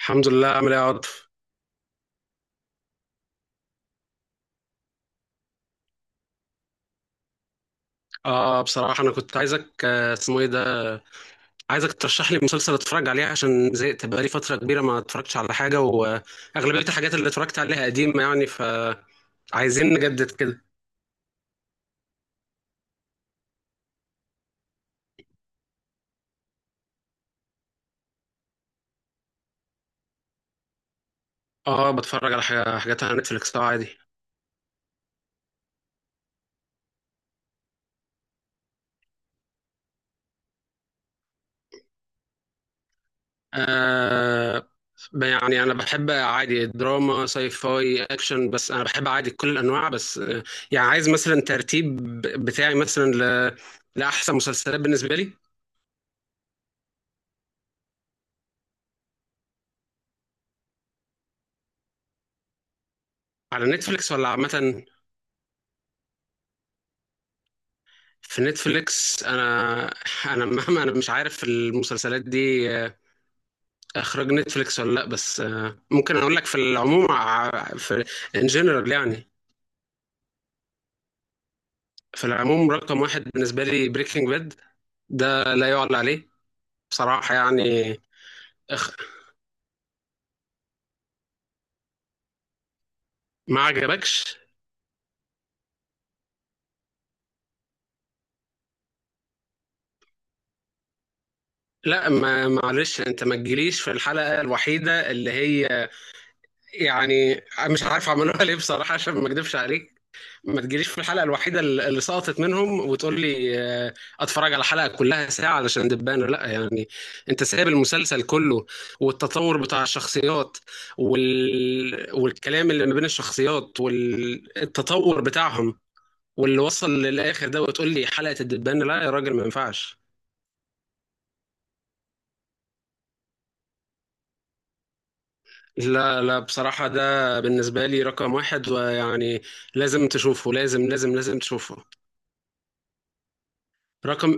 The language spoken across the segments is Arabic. الحمد لله عامل ايه يا عاطف؟ اه، بصراحة أنا كنت عايزك اسمه ايه ده، عايزك ترشح لي مسلسل اتفرج عليه عشان زهقت بقالي فترة كبيرة ما اتفرجتش على حاجة، وأغلبية الحاجات اللي اتفرجت عليها قديمة يعني، فعايزين نجدد كده. اه بتفرج على حاجات على نتفليكس اه عادي. آه، يعني أنا بحب عادي دراما ساي فاي أكشن، بس أنا بحب عادي كل الأنواع، بس يعني عايز مثلا ترتيب بتاعي مثلا لأحسن مسلسلات بالنسبة لي. على نتفليكس ولا عامة؟ في نتفليكس، انا مهما، انا مش عارف المسلسلات دي اخراج نتفليكس ولا لا، بس ممكن اقول لك في العموم في ان جنرال يعني. في العموم رقم واحد بالنسبه لي بريكنج باد، ده لا يعلى عليه بصراحه يعني. أخ... ما عجبكش؟ لا، ما معلش، انت ما تجيليش في الحلقه الوحيده اللي هي، يعني مش عارف عملوها ليه بصراحه، عشان ما اكدبش عليك، ما تجيليش في الحلقة الوحيدة اللي سقطت منهم وتقول لي آه، اتفرج على حلقة كلها ساعة علشان دبانة، لا يعني، انت سايب المسلسل كله والتطور بتاع الشخصيات والكلام اللي ما بين الشخصيات والتطور بتاعهم واللي وصل للآخر ده، وتقول لي حلقة الدبانة؟ لا يا راجل ما ينفعش. لا لا بصراحة ده بالنسبة لي رقم واحد ويعني لازم تشوفه، لازم لازم لازم تشوفه. رقم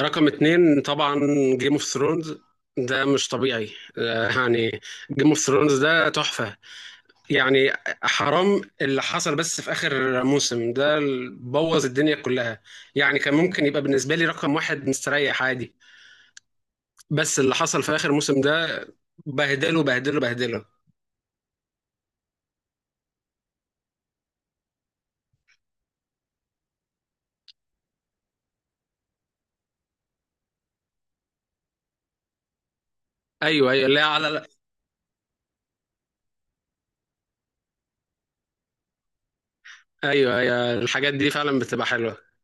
رقم اتنين طبعا جيم اوف ثرونز، ده مش طبيعي، يعني جيم اوف ثرونز ده تحفة يعني، حرام اللي حصل بس في آخر موسم ده، بوظ الدنيا كلها يعني. كان ممكن يبقى بالنسبة لي رقم واحد مستريح عادي، بس اللي حصل في آخر موسم ده بهدله بهدله بهدله. أيوه أيوه، لا على لا. أيوه أيوه، الحاجات دي فعلا بتبقى حلوة.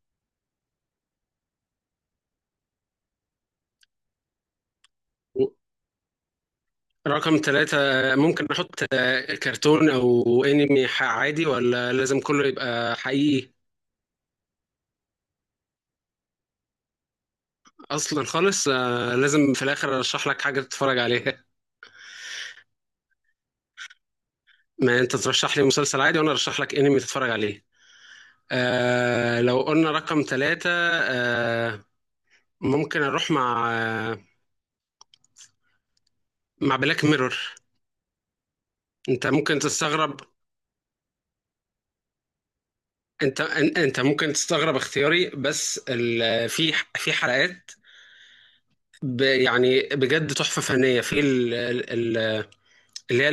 رقم ثلاثة، ممكن أحط كرتون أو أنمي عادي، ولا لازم كله يبقى حقيقي؟ اصلا خالص لازم في الاخر ارشح لك حاجه تتفرج عليها، ما انت ترشح لي مسلسل عادي وانا ارشح لك انمي تتفرج عليه. آه لو قلنا رقم ثلاثة، آه ممكن اروح مع مع بلاك ميرور. انت ممكن تستغرب، انت ممكن تستغرب اختياري، بس في حلقات، يعني بجد تحفه فنيه في ال- اللي هي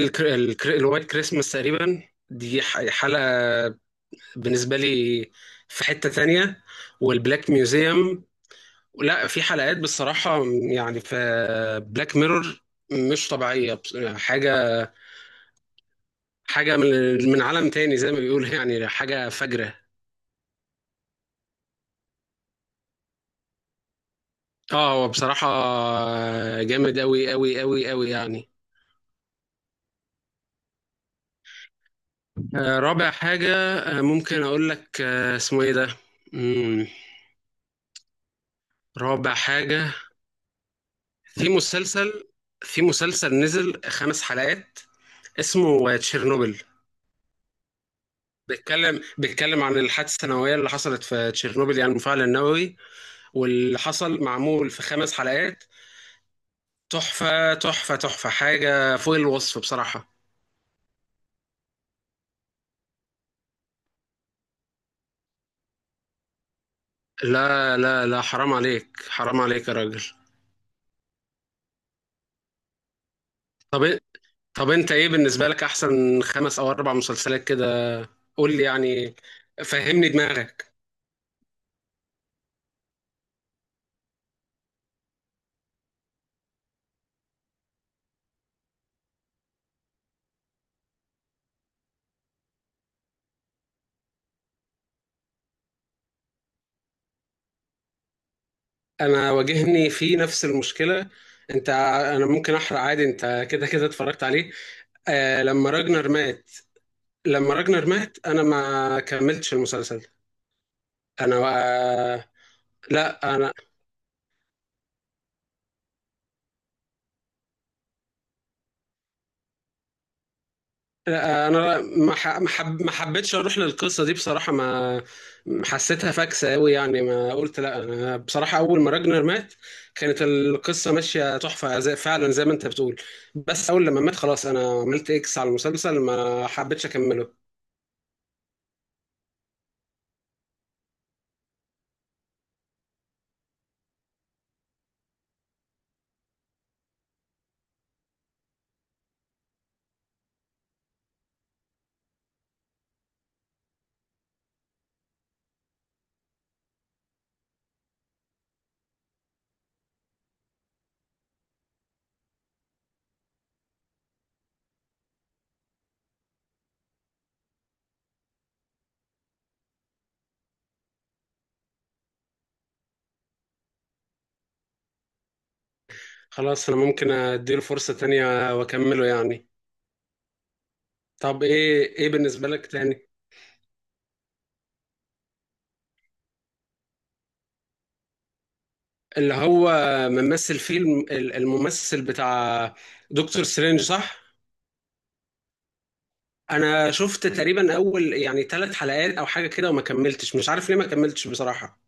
الوايت كريسماس تقريبا، دي حلقه بالنسبة لي في حتة تانية، والبلاك ميوزيوم. لا في حلقات بصراحة يعني، في بلاك ميرور مش طبيعية، حاجة، حاجة من عالم تاني زي ما بيقولوا يعني، حاجة فجرة. اه هو بصراحة جامد أوي أوي أوي أوي يعني. رابع حاجة، ممكن أقول لك اسمه إيه ده؟ مم، رابع حاجة، في مسلسل، في مسلسل نزل خمس حلقات اسمه تشيرنوبل، بيتكلم عن الحادثه النوويه اللي حصلت في تشيرنوبيل يعني، المفاعل النووي واللي حصل معمول في خمس حلقات، تحفه تحفه تحفه، حاجه فوق الوصف بصراحه. لا لا لا، حرام عليك، حرام عليك يا راجل. طب إ- طب انت ايه بالنسبه لك احسن خمس او اربع مسلسلات كده؟ قول لي يعني، فهمني دماغك. انا واجهني في نفس المشكله، انت، انا ممكن احرق عادي، انت كده كده اتفرجت عليه. آه لما راجنر مات، لما راجنر مات انا ما كملتش المسلسل. انا بقى... لا انا، لا انا ما ح- ما حب... ما حبيتش اروح للقصه دي بصراحه، ما حسيتها فاكسه قوي يعني، ما قلت لا، انا بصراحه اول ما راجنر مات كانت القصه ماشيه تحفه فعلا زي ما انت بتقول، بس اول لما مات خلاص انا عملت اكس على المسلسل، ما حبيتش اكمله. خلاص انا ممكن اديله فرصه تانية واكمله يعني. طب ايه، ايه بالنسبه لك تاني؟ اللي هو ممثل فيلم، الممثل بتاع دكتور سترينج، صح؟ انا شفت تقريبا اول، يعني ثلاث حلقات او حاجه كده، وما كملتش، مش عارف ليه ما كملتش بصراحه.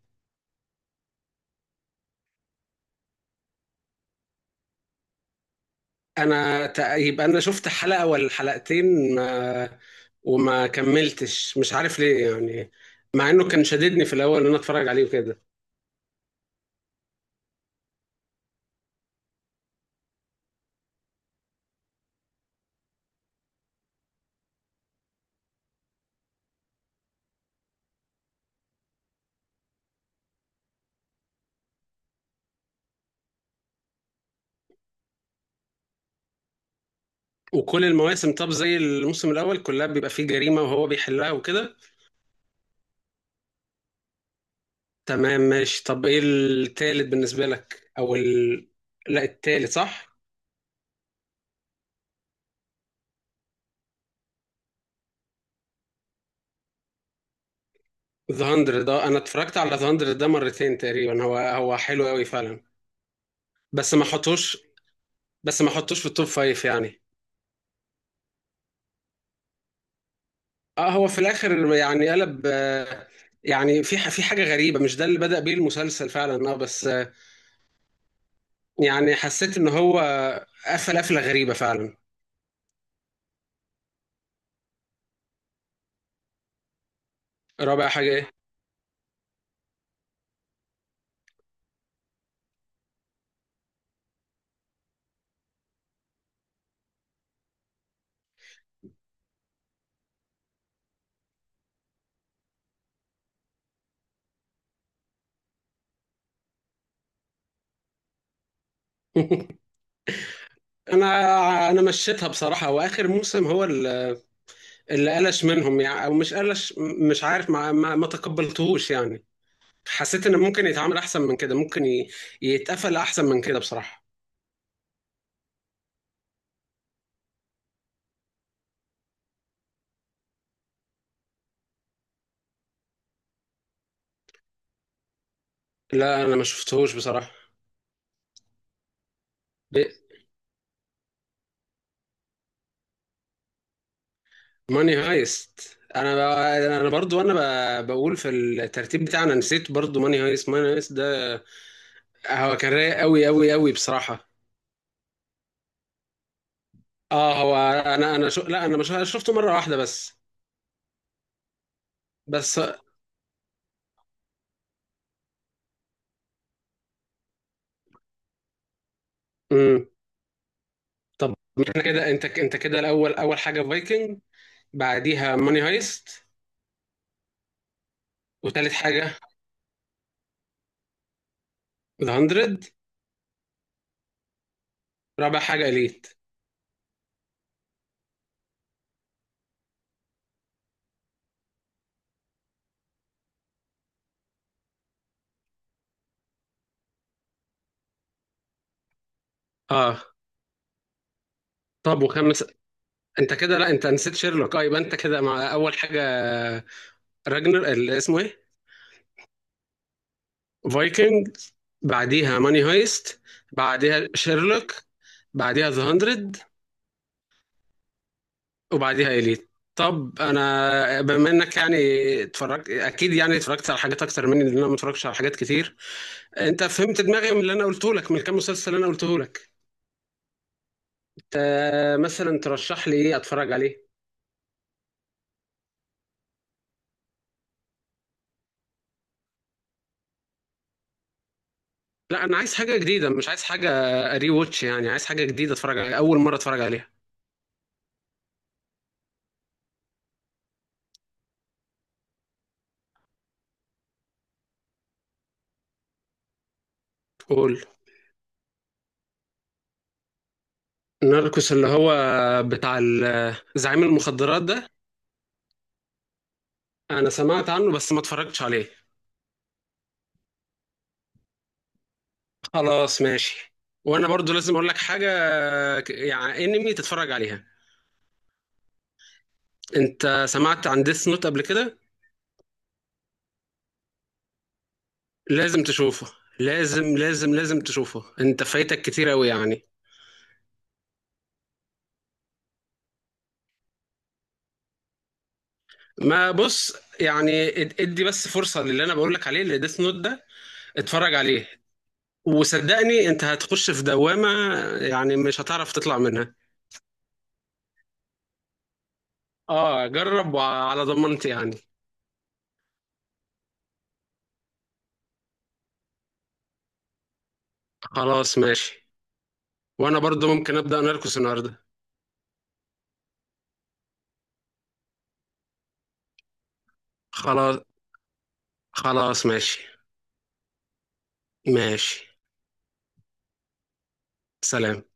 يبقى انا شفت حلقه ولا حلقتين، ما وما كملتش، مش عارف ليه يعني، مع انه كان شددني في الاول ان انا اتفرج عليه وكده. وكل المواسم، طب زي الموسم الاول، كلها بيبقى فيه جريمه وهو بيحلها وكده؟ تمام ماشي. طب ايه التالت بالنسبه لك، او لا التالت صح. ذا 100، ده انا اتفرجت على ذا 100 ده مرتين تقريبا، هو هو حلو قوي فعلا، بس ما احطوش بس ما احطوش في التوب فايف يعني. اه هو في الاخر يعني قلب، يعني في في حاجه غريبه، مش ده اللي بدأ بيه المسلسل فعلا، اه بس يعني حسيت ان هو قفل قفله غريبه فعلا. رابع حاجه ايه؟ انا، انا مشيتها بصراحه، واخر موسم هو اللي قلش منهم يعني، او مش قلش، مش عارف، ما تقبلتهوش يعني. حسيت ان ممكن يتعامل احسن من كده، ممكن يتقفل احسن من كده بصراحه. لا انا ما شفتهوش بصراحه. إيه، ماني هايست، انا برضو، بقول في الترتيب بتاعنا، نسيت برضو ماني هايست، ماني هايست ده هو كان رايق قوي قوي قوي بصراحه. اه هو، لا انا مش شفته مره واحده بس، بس. امم، طب احنا كده، انت كده الاول، اول حاجه فايكنج، بعديها ماني هايست، وتالت حاجه ذا 100، رابع حاجه اليت. اه طب وخامس؟ انت كده، لا انت نسيت شيرلوك. اه يبقى انت كده مع اول حاجه راجنر، اسمه ايه، فايكنج، بعديها ماني هايست، بعديها شيرلوك، بعديها ذا هاندرد، وبعديها اليت. طب انا بما انك يعني اتفرجت اكيد يعني، اتفرجت على حاجات اكتر مني، لان انا ما اتفرجتش على حاجات كتير، انت فهمت دماغي من اللي انا قلته لك، من كام مسلسل اللي انا قلته لك، انت مثلا ترشح لي ايه اتفرج عليه؟ لا انا عايز حاجه جديده، مش عايز حاجه ري ووتش يعني، عايز حاجه جديده اتفرج عليها اول مره اتفرج عليها. قول. ناركوس، اللي هو بتاع زعيم المخدرات ده؟ انا سمعت عنه بس ما اتفرجتش عليه. خلاص ماشي، وانا برضو لازم اقول لك حاجه، يعني انمي تتفرج عليها، انت سمعت عن ديس نوت قبل كده؟ لازم تشوفه، لازم لازم لازم تشوفه، انت فايتك كتير قوي يعني. ما بص يعني، ادي بس فرصه للي انا بقول لك عليه، اللي ديس نوت ده، اتفرج عليه، وصدقني انت هتخش في دوامه يعني، مش هتعرف تطلع منها. اه جرب، وعلى ضمانتي يعني. خلاص ماشي، وانا برضو ممكن ابدا نركس النهارده. خلاص، خلاص ماشي. ماشي. سلام.